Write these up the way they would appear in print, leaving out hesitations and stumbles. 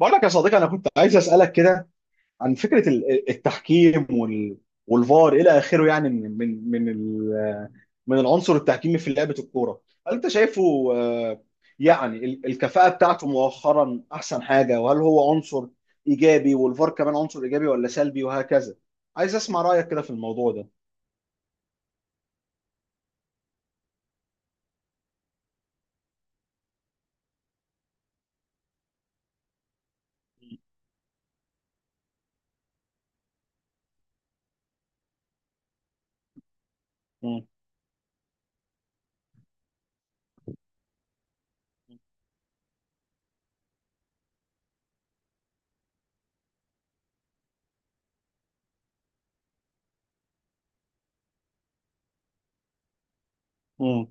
بقول لك يا صديقي، انا كنت عايز اسالك كده عن فكره التحكيم والفار الى اخره، يعني من العنصر التحكيمي في لعبه الكوره. هل انت شايفه آه، يعني الكفاءه بتاعته مؤخرا احسن حاجه؟ وهل هو عنصر ايجابي والفار كمان عنصر ايجابي ولا سلبي وهكذا؟ عايز اسمع رايك كده في الموضوع ده. مم. مم.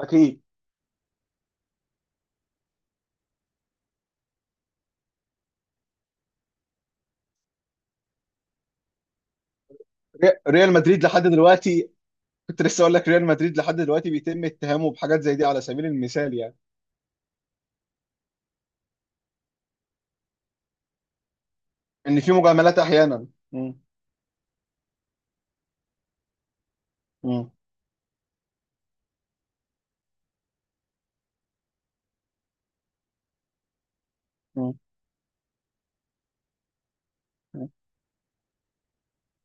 اكيد. ريال مدريد لحد دلوقتي، كنت لسه اقول لك ريال مدريد لحد دلوقتي بيتم اتهامه بحاجات زي دي على سبيل المثال يعني. ان في مجاملات احيانا. مم. مم. مم.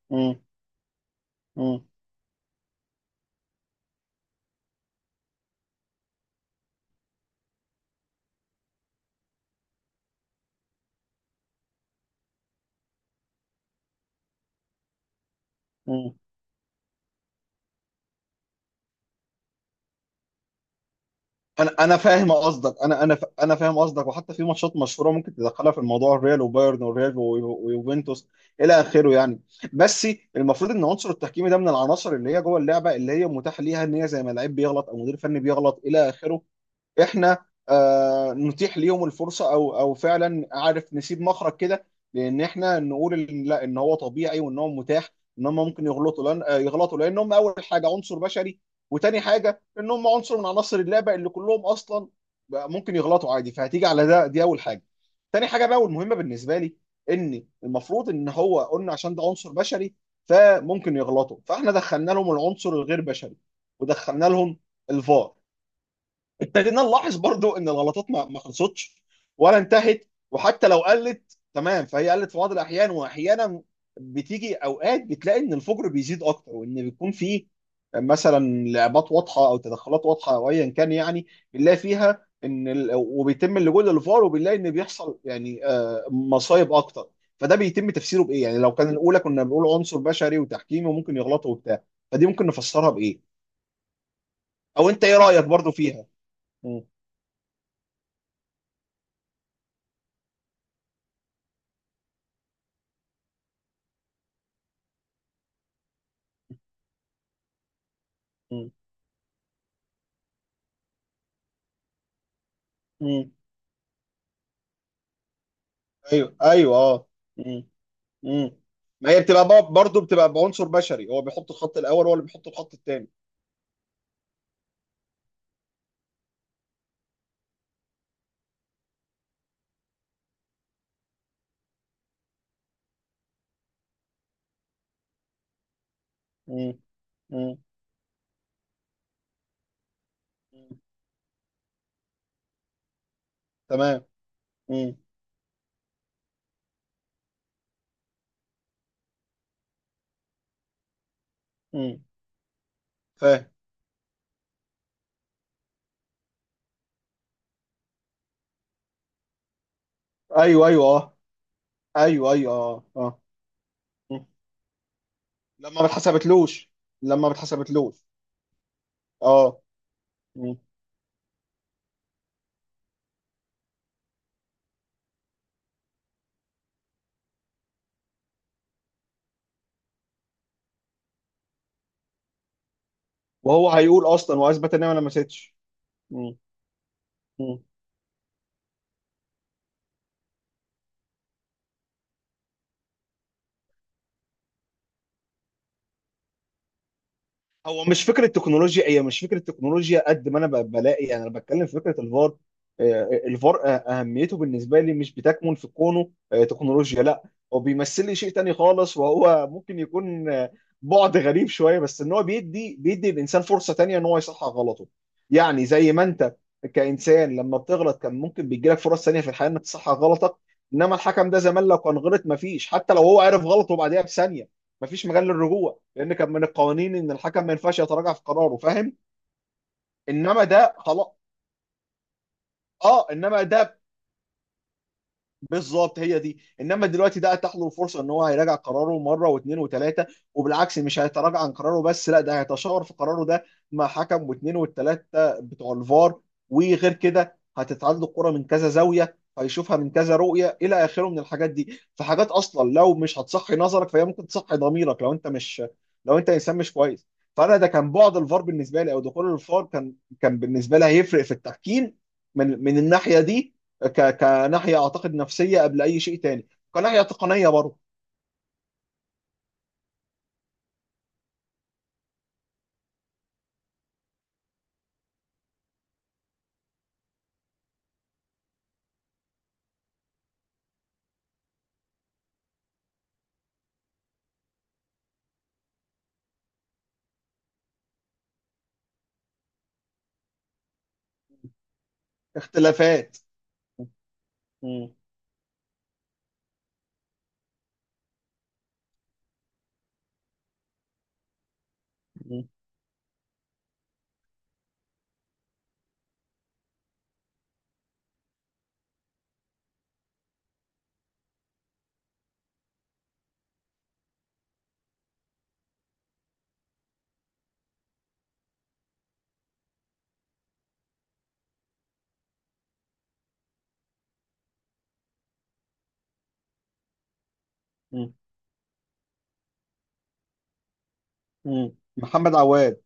مم. مم. مم. انا فاهم قصدك، انا فاهم قصدك، وحتى في ماتشات مشهوره ممكن تدخلها في الموضوع، الريال وبايرن والريال ويوفنتوس الى اخره يعني. بس المفروض ان عنصر التحكيمي ده من العناصر اللي هي جوه اللعبه، اللي هي متاح ليها ان هي زي ما لعيب بيغلط او مدير فني بيغلط الى اخره، احنا نتيح ليهم الفرصه، او او فعلا عارف، نسيب مخرج كده. لان احنا نقول إن لا، ان هو طبيعي وان هو متاح ان هم ممكن يغلطوا، لان يغلطوا لان هم اول حاجه عنصر بشري، وتاني حاجه ان هم عنصر من عناصر اللعبه اللي كلهم اصلا بقى ممكن يغلطوا عادي. فهتيجي على ده، دي اول حاجه. تاني حاجه بقى، والمهمه بالنسبه لي، ان المفروض ان هو قلنا عشان ده عنصر بشري فممكن يغلطوا، فاحنا دخلنا لهم العنصر الغير بشري ودخلنا لهم الفار. ابتدينا نلاحظ برضو ان الغلطات ما خلصتش ولا انتهت، وحتى لو قلت تمام فهي قلت في بعض الاحيان، واحيانا بتيجي اوقات بتلاقي ان الفجر بيزيد اكتر، وان بيكون فيه مثلا لعبات واضحه او تدخلات واضحه او ايا كان يعني، بنلاقي فيها ان وبيتم اللجوء للفار، وبنلاقي ان بيحصل يعني مصايب اكتر. فده بيتم تفسيره بايه يعني؟ لو كان الاولى كنا بنقول عنصر بشري وتحكيمي وممكن يغلطوا وبتاع، فدي ممكن نفسرها بايه؟ او انت ايه رايك برضو فيها؟ مم. مم. ايوه ايوه اه. امم. امم. ما هي بتبقى برضه بتبقى بعنصر بشري، هو بيحط الخط الاول هو اللي بيحط الخط الثاني. امم. امم. أمم. تمام. امم. امم. فاهم. ايوه ايوه اه. ايوه ايوه اه اه. أمم. لما ما اتحسبتلوش. لما ما اتحسبتلوش. اه. أمم. وهو هيقول اصلا واثبت ان انا ما لمستش. هو مش فكره تكنولوجيا، هي مش فكره تكنولوجيا، قد ما انا بلاقي يعني، انا بتكلم في فكره الفار. الفار اهميته بالنسبه لي مش بتكمن في كونه تكنولوجيا، لا، هو بيمثل لي شيء تاني خالص، وهو ممكن يكون بعد غريب شويه، بس ان هو بيدي الانسان فرصه تانيه ان هو يصحح غلطه. يعني زي ما انت كانسان لما بتغلط كان ممكن بيجي لك فرص تانيه في الحياه انك تصحح غلطك، انما الحكم ده زمان لو كان غلط مفيش، حتى لو هو عرف غلطه بعديها بثانيه مفيش مجال للرجوع، لان كان من القوانين ان الحكم ما ينفعش يتراجع في قراره، فاهم. انما ده خلاص. اه، انما ده بالظبط، هي دي. انما دلوقتي ده اتاح له فرصه ان هو هيراجع قراره مره واثنين وثلاثه، وبالعكس مش هيتراجع عن قراره بس، لا، ده هيتشاور في قراره ده مع حكم واثنين والثلاثه بتوع الفار، وغير كده هتتعاد له الكره من كذا زاويه، هيشوفها من كذا رؤيه الى اخره من الحاجات دي. فحاجات اصلا لو مش هتصحي نظرك فهي ممكن تصحي ضميرك، لو انت مش، لو انت انسان مش كويس. فانا ده كان بعد الفار بالنسبه لي، او دخول الفار كان، كان بالنسبه لي هيفرق في التحكيم من من الناحيه دي، كناحيه اعتقد نفسيه قبل اي شيء تاني، كناحيه تقنيه برضه. اختلافات. مم. مم. مم. مم. محمد عواد.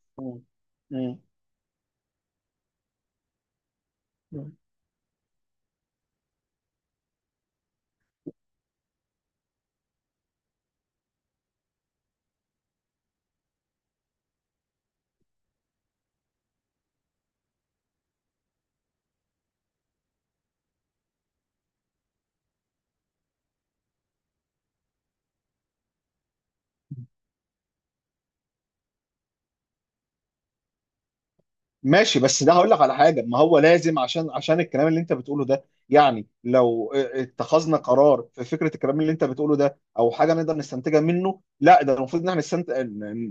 مم. مم. ماشي، بس ده هقول لك على حاجه، ما هو لازم، عشان عشان الكلام اللي انت بتقوله ده يعني، لو اتخذنا قرار في فكره الكلام اللي انت بتقوله ده او حاجه نقدر نستنتجها منه، لا ده المفروض ان احنا نستنتج،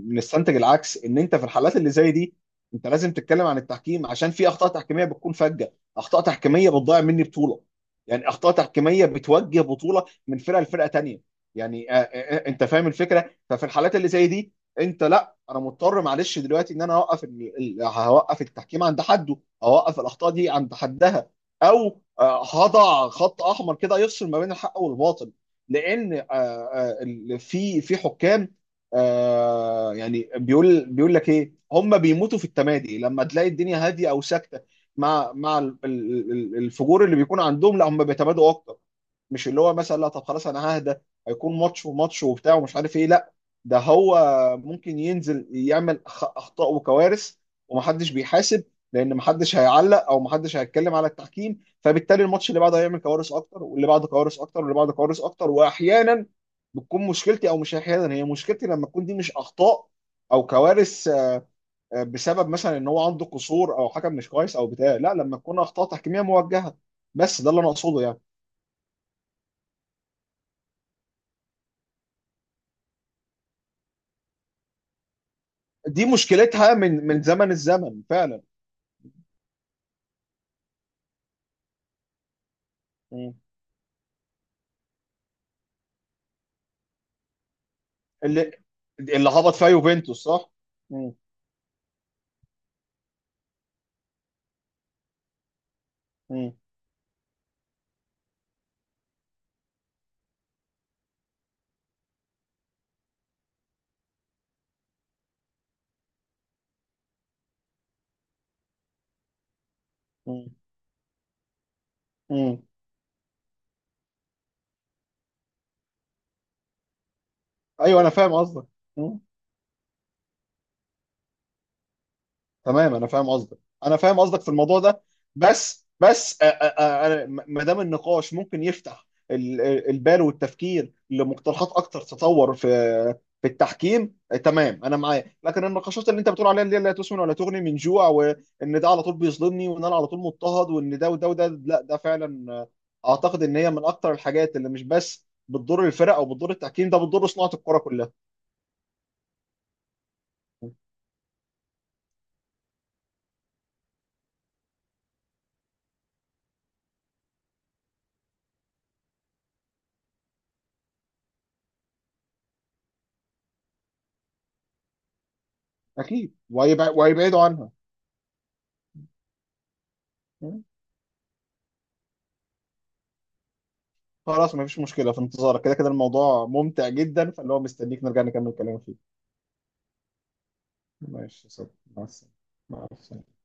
نستنتج العكس، ان انت في الحالات اللي زي دي انت لازم تتكلم عن التحكيم، عشان في اخطاء تحكيميه بتكون فجه، اخطاء تحكيميه بتضيع مني بطوله، يعني اخطاء تحكيميه بتوجه بطوله من فرقه لفرقه تانيه. يعني انت فاهم الفكره. ففي الحالات اللي زي دي انت لا، انا مضطر معلش دلوقتي ان انا اوقف هوقف التحكيم عند حده، اوقف الاخطاء دي عند حدها، او هضع خط احمر كده يفصل ما بين الحق والباطل. لان في في حكام يعني، بيقول لك ايه، هم بيموتوا في التمادي، لما تلاقي الدنيا هاديه او ساكته مع مع الفجور اللي بيكون عندهم، لا، هم بيتمادوا اكتر. مش اللي هو مثلا لا طب خلاص انا ههدى، هيكون ماتش وماتش وبتاع ومش عارف ايه، لا، ده هو ممكن ينزل يعمل اخطاء وكوارث، ومحدش بيحاسب، لان محدش هيعلق او محدش هيتكلم على التحكيم، فبالتالي الماتش اللي بعده هيعمل كوارث اكتر، واللي بعده كوارث اكتر، واللي بعده كوارث اكتر. واحيانا بتكون مشكلتي، او مش احيانا، هي مشكلتي، لما تكون دي مش اخطاء او كوارث بسبب مثلا ان هو عنده قصور او حكم مش كويس او بتاع، لا، لما تكون اخطاء تحكيميه موجهه. بس ده اللي انا اقصده يعني. دي مشكلتها من من زمن الزمن فعلا. مم. اللي، اللي هبط فيها يوفنتوس صح؟ مم. مم. مم. مم. ايوه انا فاهم قصدك. تمام انا فاهم قصدك. انا فاهم قصدك في الموضوع ده. بس بس ما دام النقاش ممكن يفتح البال والتفكير لمقترحات اكتر تطور في في التحكيم، تمام، انا معاك. لكن النقاشات اللي انت بتقول عليها اللي هي لا تسمن ولا تغني من جوع، وان ده على طول بيظلمني، وان انا على طول مضطهد، وان ده وده وده، لا ده فعلا اعتقد ان هي من اكتر الحاجات اللي مش بس بتضر الفرق او بتضر التحكيم، ده بتضر صناعة الكرة كلها. اكيد، وهيبعدوا عنها. خلاص مفيش مشكلة، في انتظارك، كده كده الموضوع ممتع جدا، فاللي هو مستنيك نرجع نكمل كلام فيه. ماشي صدق. مع السلامة. مع السلامة.